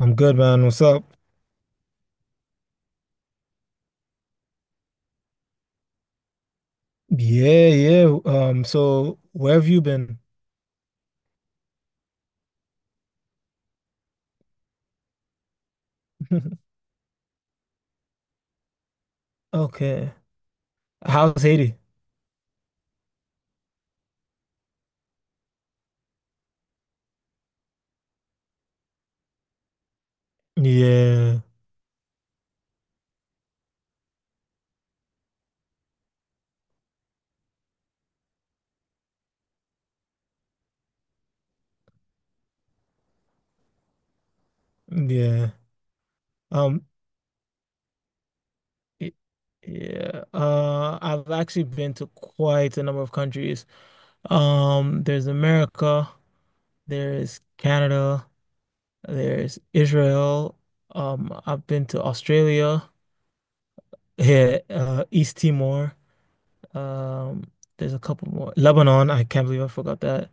I'm good, man. What's up? Yeah, yeah. So where have you been? Okay. How's Haiti? Yeah, yeah. Um, y- yeah. I've actually been to quite a number of countries. There's America, there's Canada, there's Israel. I've been to Australia, yeah, East Timor. Um, there's a couple more. Lebanon, I can't believe I forgot that.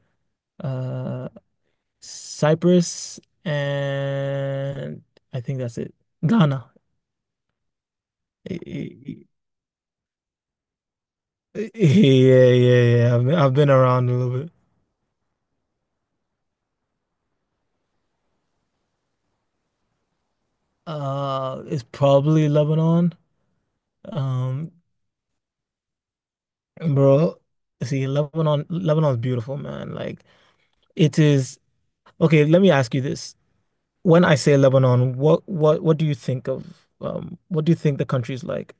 Uh, Cyprus, and I think that's it. Ghana. Eh, eh, Yeah, yeah, yeah. I've been around a little bit. It's probably Lebanon. Um, Bro, see, Lebanon's beautiful, man. Like it is. Okay, let me ask you this. When I say Lebanon, what do you think of? What do you think the country's like?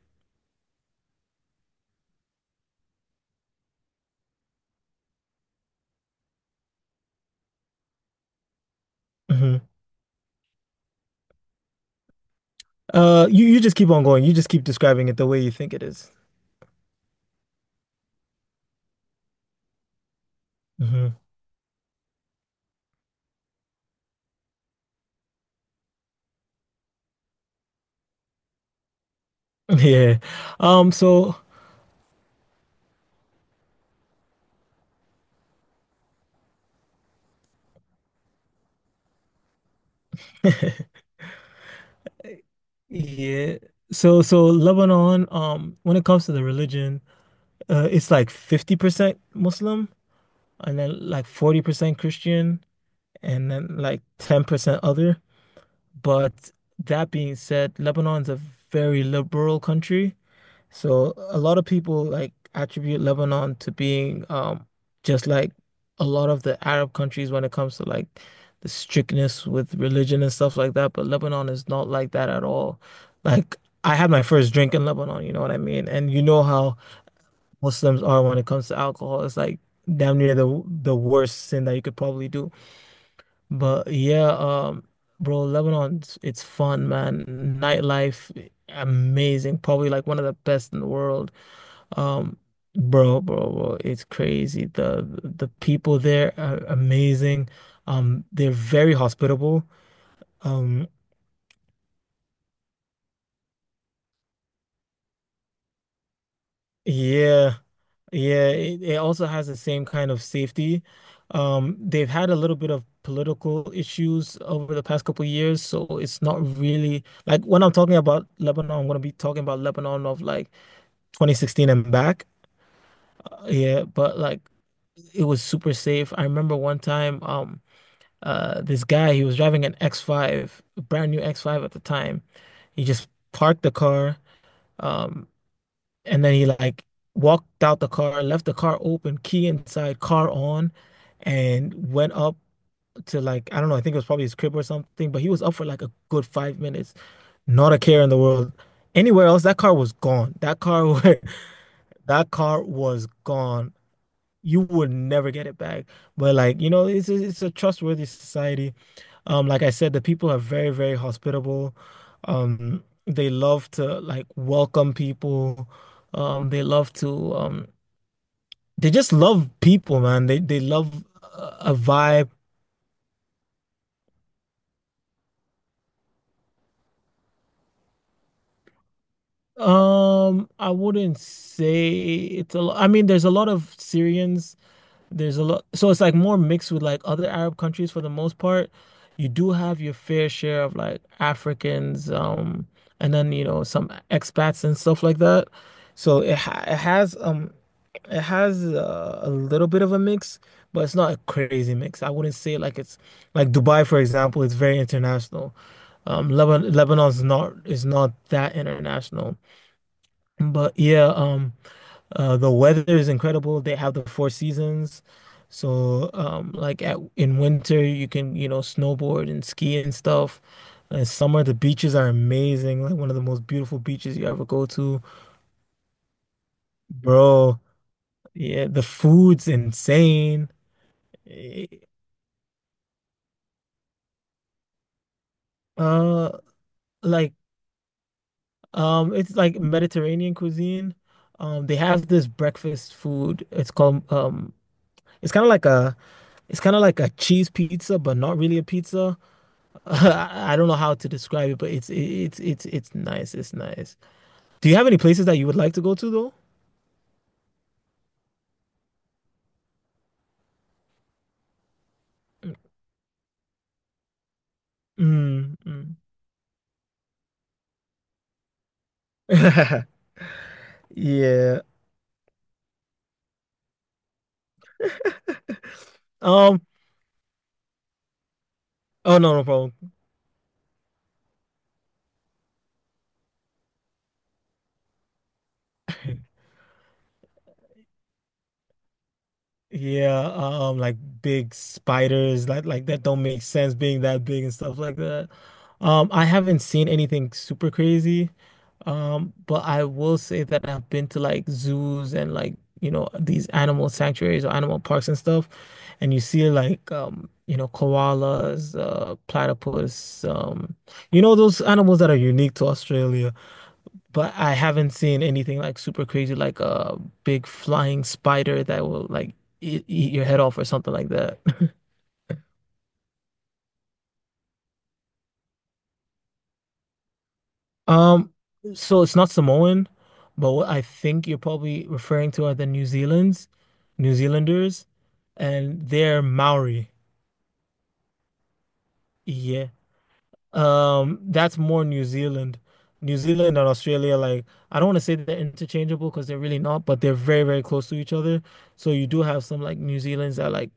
Hmm. You just keep on going. You just keep describing it the way you think it is. Mm-hmm. Yeah. Um, so yeah. So Lebanon, when it comes to the religion, it's like 50% Muslim and then like 40% Christian and then like 10% other. But that being said, Lebanon's a very liberal country. So a lot of people like attribute Lebanon to being just like a lot of the Arab countries when it comes to like the strictness with religion and stuff like that, but Lebanon is not like that at all. Like I had my first drink in Lebanon, you know what I mean? And you know how Muslims are when it comes to alcohol. It's like damn near the worst sin that you could probably do. But yeah, bro, Lebanon, it's fun, man. Nightlife, amazing. Probably like one of the best in the world. Um, Bro, it's crazy. The people there are amazing. They're very hospitable. Um, yeah, yeah. It also has the same kind of safety. They've had a little bit of political issues over the past couple of years, so it's not really like when I'm talking about Lebanon, I'm gonna be talking about Lebanon of like 2016 and back. Yeah, but like it was super safe. I remember one time, this guy, he was driving an X5, a brand new X5 at the time. He just parked the car, um and then he like walked out the car, left the car open, key inside, car on, and went up to, like, I don't know, I think it was probably his crib or something, but he was up for like a good 5 minutes, not a care in the world. Anywhere else, that car was gone. That car That car was gone. You would never get it back. But like, you know, it's it's a trustworthy society. Like I said, the people are very, very hospitable. They love to like welcome people. Um, they love to um, they just love people, man. They love a vibe. I wouldn't say it's a lot. I mean, there's a lot of Syrians. There's a lot, so it's like more mixed with like other Arab countries for the most part. You do have your fair share of like Africans, and then you know some expats and stuff like that. So it has a little bit of a mix, but it's not a crazy mix. I wouldn't say like it's like Dubai, for example, it's very international. Lebanon's not is not that international, but yeah. The weather is incredible. They have the four seasons. So, like at in winter, you can, you know, snowboard and ski and stuff. In summer, the beaches are amazing. Like one of the most beautiful beaches you ever go to. Bro, yeah, the food's insane. Eh, Uh, like, it's like Mediterranean cuisine. They have this breakfast food. It's called, it's kind of like a, it's kind of like a cheese pizza, but not really a pizza. I don't know how to describe it, but it's nice. It's nice. Do you have any places that you would like to go to though? Mm, mm. Yeah. Um. Oh no, no problem. Yeah. Like big spiders, like that don't make sense being that big and stuff like that. I haven't seen anything super crazy. But I will say that I've been to like zoos and like, you know, these animal sanctuaries or animal parks and stuff, and you see like, you know, koalas, platypus, you know, those animals that are unique to Australia. But I haven't seen anything like super crazy, like a big flying spider that will like eat your head off or something like that. Um, so it's not Samoan, but what I think you're probably referring to are the New Zealands, New Zealanders, and they're Maori. Yeah. That's more New Zealand. New Zealand and Australia, like I don't want to say that they're interchangeable because they're really not, but they're very, very close to each other. So you do have some like New Zealanders that like,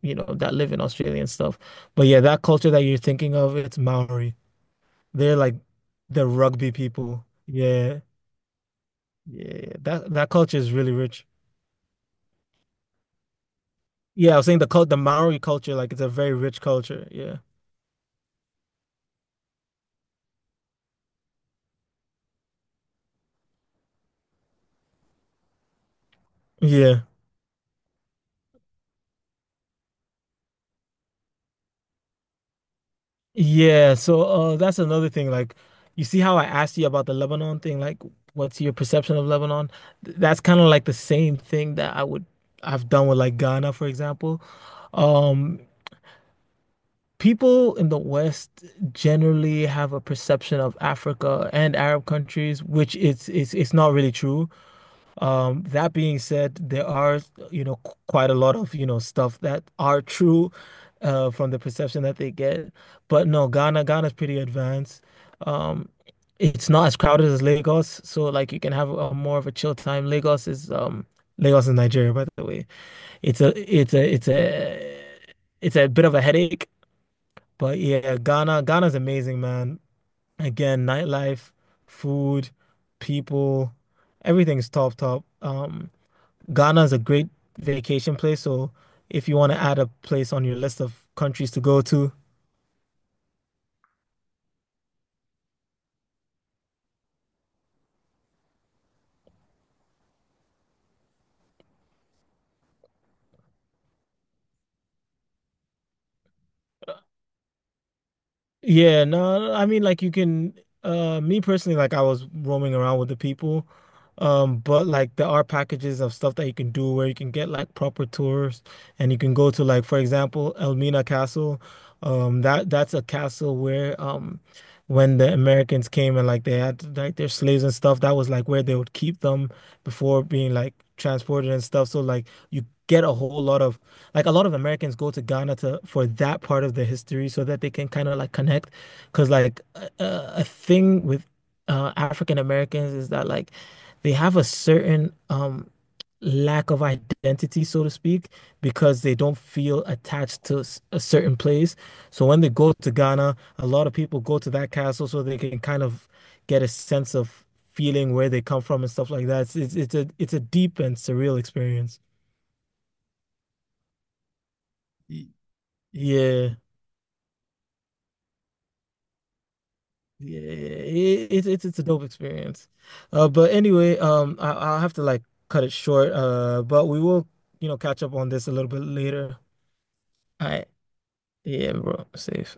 you know, that live in Australia and stuff. But yeah, that culture that you're thinking of, it's Maori. They're like the rugby people. Yeah. Yeah, that that culture is really rich. Yeah, I was saying the Maori culture, like it's a very rich culture. Yeah. Yeah. Yeah, so that's another thing. Like you see how I asked you about the Lebanon thing, like what's your perception of Lebanon? That's kind of like the same thing that I've done with like Ghana, for example. Um People in the West generally have a perception of Africa and Arab countries, which it's not really true. That being said, there are, you know, quite a lot of, you know, stuff that are true, from the perception that they get. But no, Ghana's pretty advanced. Um, it's not as crowded as Lagos, so like you can have a more of a chill time. Lagos is Nigeria, by the way. It's a it's a it's a it's a bit of a headache, but yeah, Ghana's amazing, man. Again, nightlife, food, people, everything's top. Ghana is a great vacation place. So if you want to add a place on your list of countries to go to, yeah, no, I mean like you can, me personally, like I was roaming around with the people. But like there are packages of stuff that you can do where you can get like proper tours, and you can go to, like, for example, Elmina Castle. That that's a castle where, when the Americans came and like they had like their slaves and stuff, that was like where they would keep them before being like transported and stuff. So like you get a whole lot of, like, a lot of Americans go to Ghana to for that part of the history so that they can kind of like connect. Because like a thing with African Americans is that like they have a certain, lack of identity, so to speak, because they don't feel attached to a certain place. So when they go to Ghana, a lot of people go to that castle so they can kind of get a sense of feeling where they come from and stuff like that. It's a deep and surreal experience. Y- Yeah, yeah, it's it's a dope experience. But anyway, I'll have to like cut it short. But we will, you know, catch up on this a little bit later. All right. Yeah, bro. Safe.